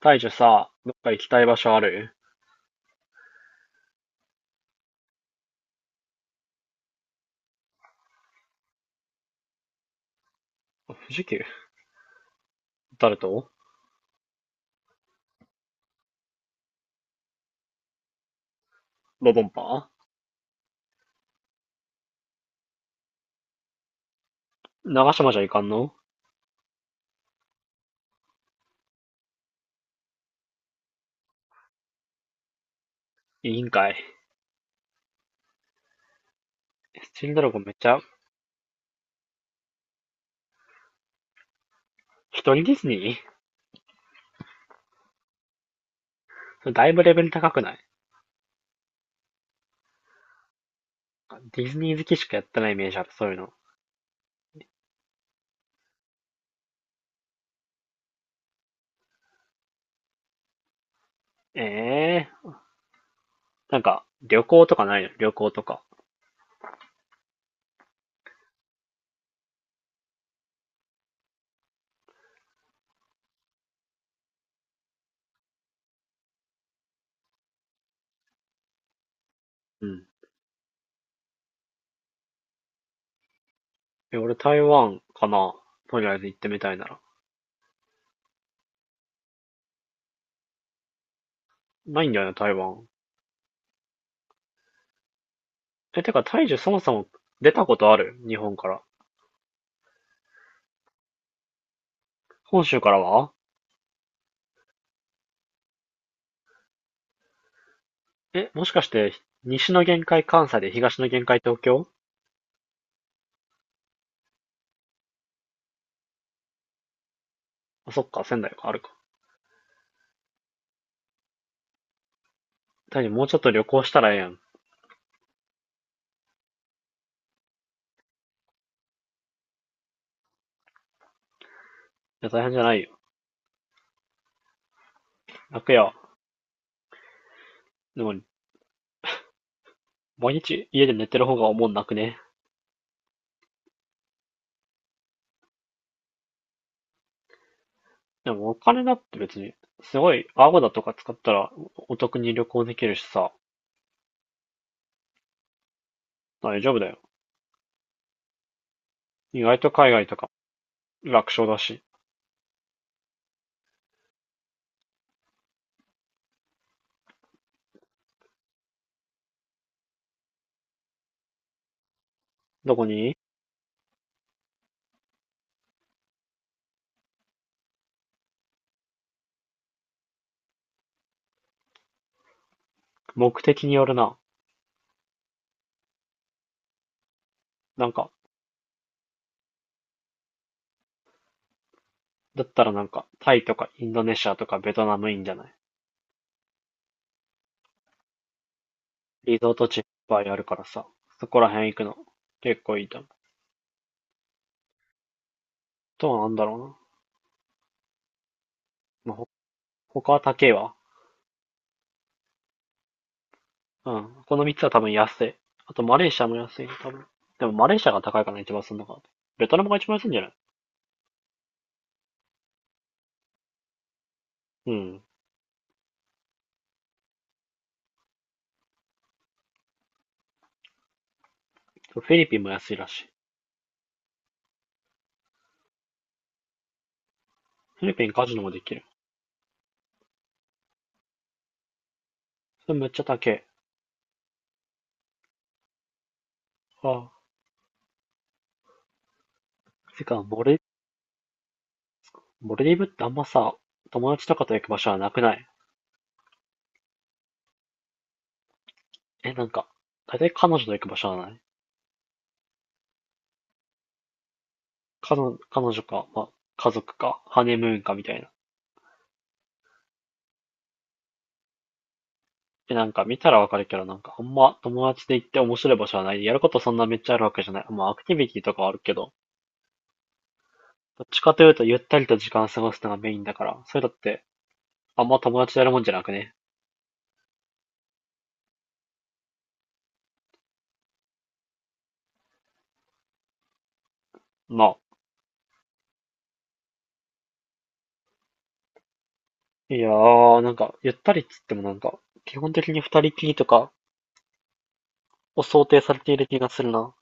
大樹さ、どっか行きたい場所ある？富士急。誰と？ロボンパ。長島じゃいかんの？いいんかい。スチールドラゴンめっちゃ。一人ディズニー？だいぶレベル高くない？ディズニー好きしかやってないイメージある、そういうの。ええー、なんか、旅行とかないの？旅行とか。うん。俺台湾かな。とりあえず行ってみたいなら。ないんだよね、台湾。てか、大樹そもそも出たことある日本から？本州からは？もしかして、西の限界関西で東の限界東京？あ、そっか、仙台か、あるか。単にもうちょっと旅行したらええやん。いや、大変じゃないよ。楽やわ。でも、毎日家で寝てる方がおもんなくね？でも、お金だって別に、すごい、アゴだとか使ったらお得に旅行できるしさ、大丈夫だよ。意外と海外とか、楽勝だし。どこに？目的によるな。なんか、だったらなんか、タイとかインドネシアとかベトナムいいんじゃない？リゾート地いっぱいあるからさ、そこら辺行くの、結構いいと思う。とはなんだろうな。まあ、他は高えわ。うん。この3つは多分安い。あとマレーシアも安いね、多分。でもマレーシアが高いかな、一番すんのかな。ベトナムが一番安いんじゃない？うん。フィリピンも安いらしい。フィリピンカジノもできる。それめっちゃ高い。ああ。てか、モレディブってあんまさ、友達とかと行く場所はなくない？なんか、大体彼女と行く場所はない？彼女か、まあ、家族か、ハネムーンかみたいな。なんか見たらわかるけど、なんかあんま友達で行って面白い場所はない。やることそんなめっちゃあるわけじゃない。まあ、アクティビティとかはあるけど、どっちかというとゆったりと時間を過ごすのがメインだから、そういうのってあんま友達とやるもんじゃなくね。まあ、いやー、なんか、ゆったりっつってもなんか、基本的に二人きりとかを想定されている気がするな。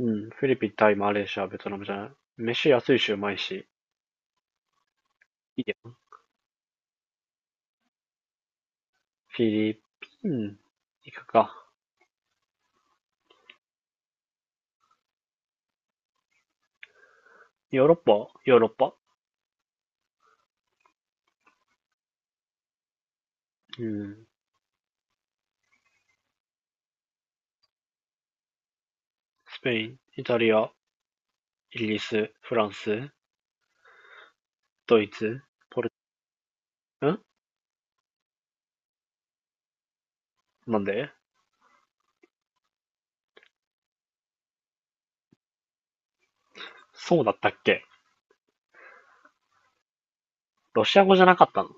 うん、フィリピン、タイ、マレーシア、ベトナムじゃない。飯安いしうまいし、いいよ。フィリピン、行くか。ヨーロッパ、ヨーロッパ。うん、スペイン、イタリア、イギリス、フランス、ドイツ。ポル、んなんで？そうだったっけ？ロシア語じゃなかったの？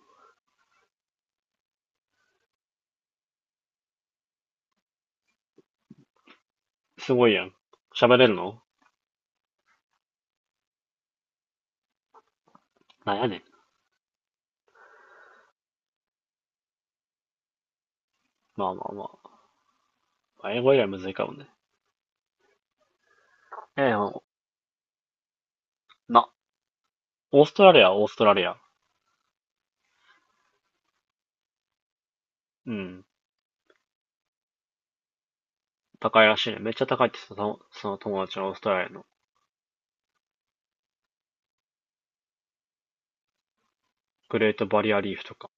すごいやん。喋れるの？なんやねん。まあまあまあ。英語以外むずいかもね。ほんな、オーストラリアはオーストラリア。うん。高いらしいね。めっちゃ高いって言ってたその友達のオーストラリアの。グレートバリアリーフとか、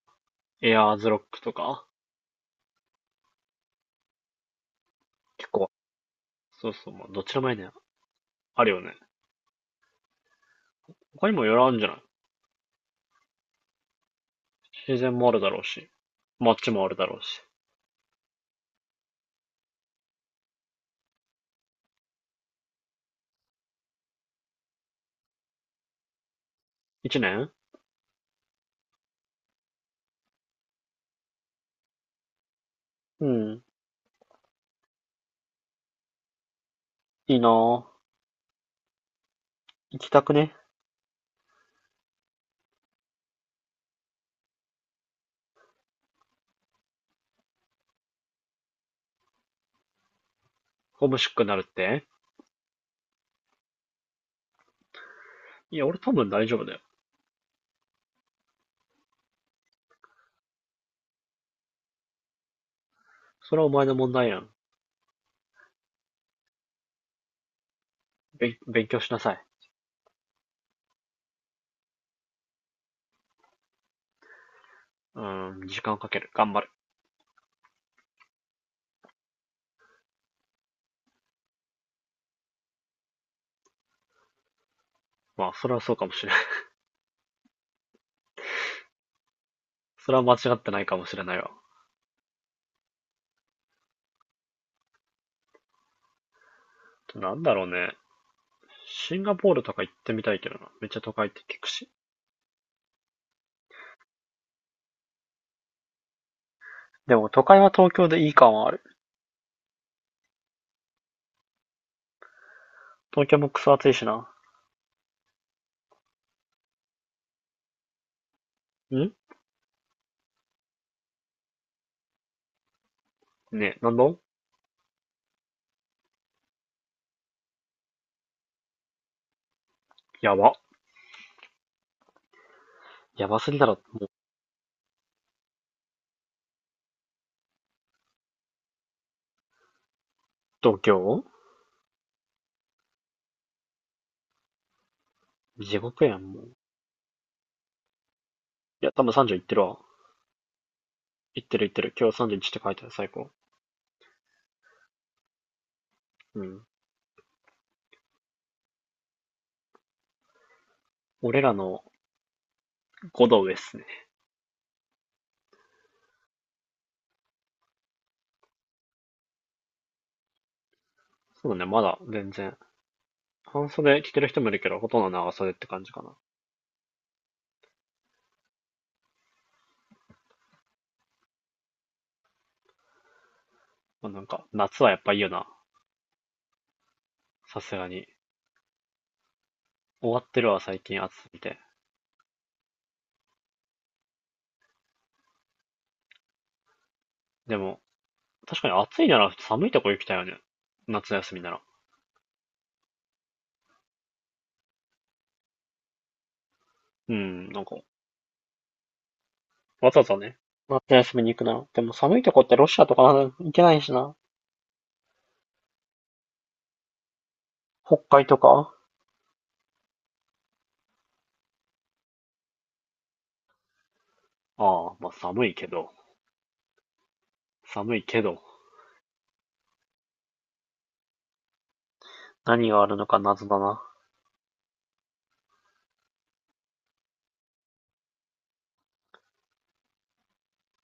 エアーズロックとか、結構、そうそう、まあ、どっちらもいいね。あるよね。他にもいろいろあるんじゃない？自然もあるだろうし、街もあるだろうし。一年？うん。いいなぁ。行きたくね？ホームシックになるって？いや、俺多分大丈夫だよ。それはお前の問題やん。勉強しなさい。うーん、時間をかける。頑張る。まあ、それはそうかもしれない。それは間違ってないかもしれないわ。なんだろうね。シンガポールとか行ってみたいけどな。めっちゃ都会って聞くし。でも都会は東京でいい感はある。東京もクソ暑いしな。ん。ねえ、なんだ？やば。やばすぎだろ。東京？地獄やん、もう。いや、多分30行ってるわ。行ってる行ってる。今日31って書いてある、最高。うん。俺らの5度上っすね。そうだね、まだ全然。半袖着てる人もいるけど、ほとんど長袖って感じかな。まあ、なんか、夏はやっぱいいよな。さすがに。終わってるわ、最近暑すぎて。でも、確かに暑いなら寒いとこ行きたいよね。夏休みなら。うん、なんか、わざわざね。夏休みに行くなら。でも寒いとこってロシアとかなんか行けないしな。北海とか。ああ、まあ寒いけど、寒いけど、何があるのか謎だな。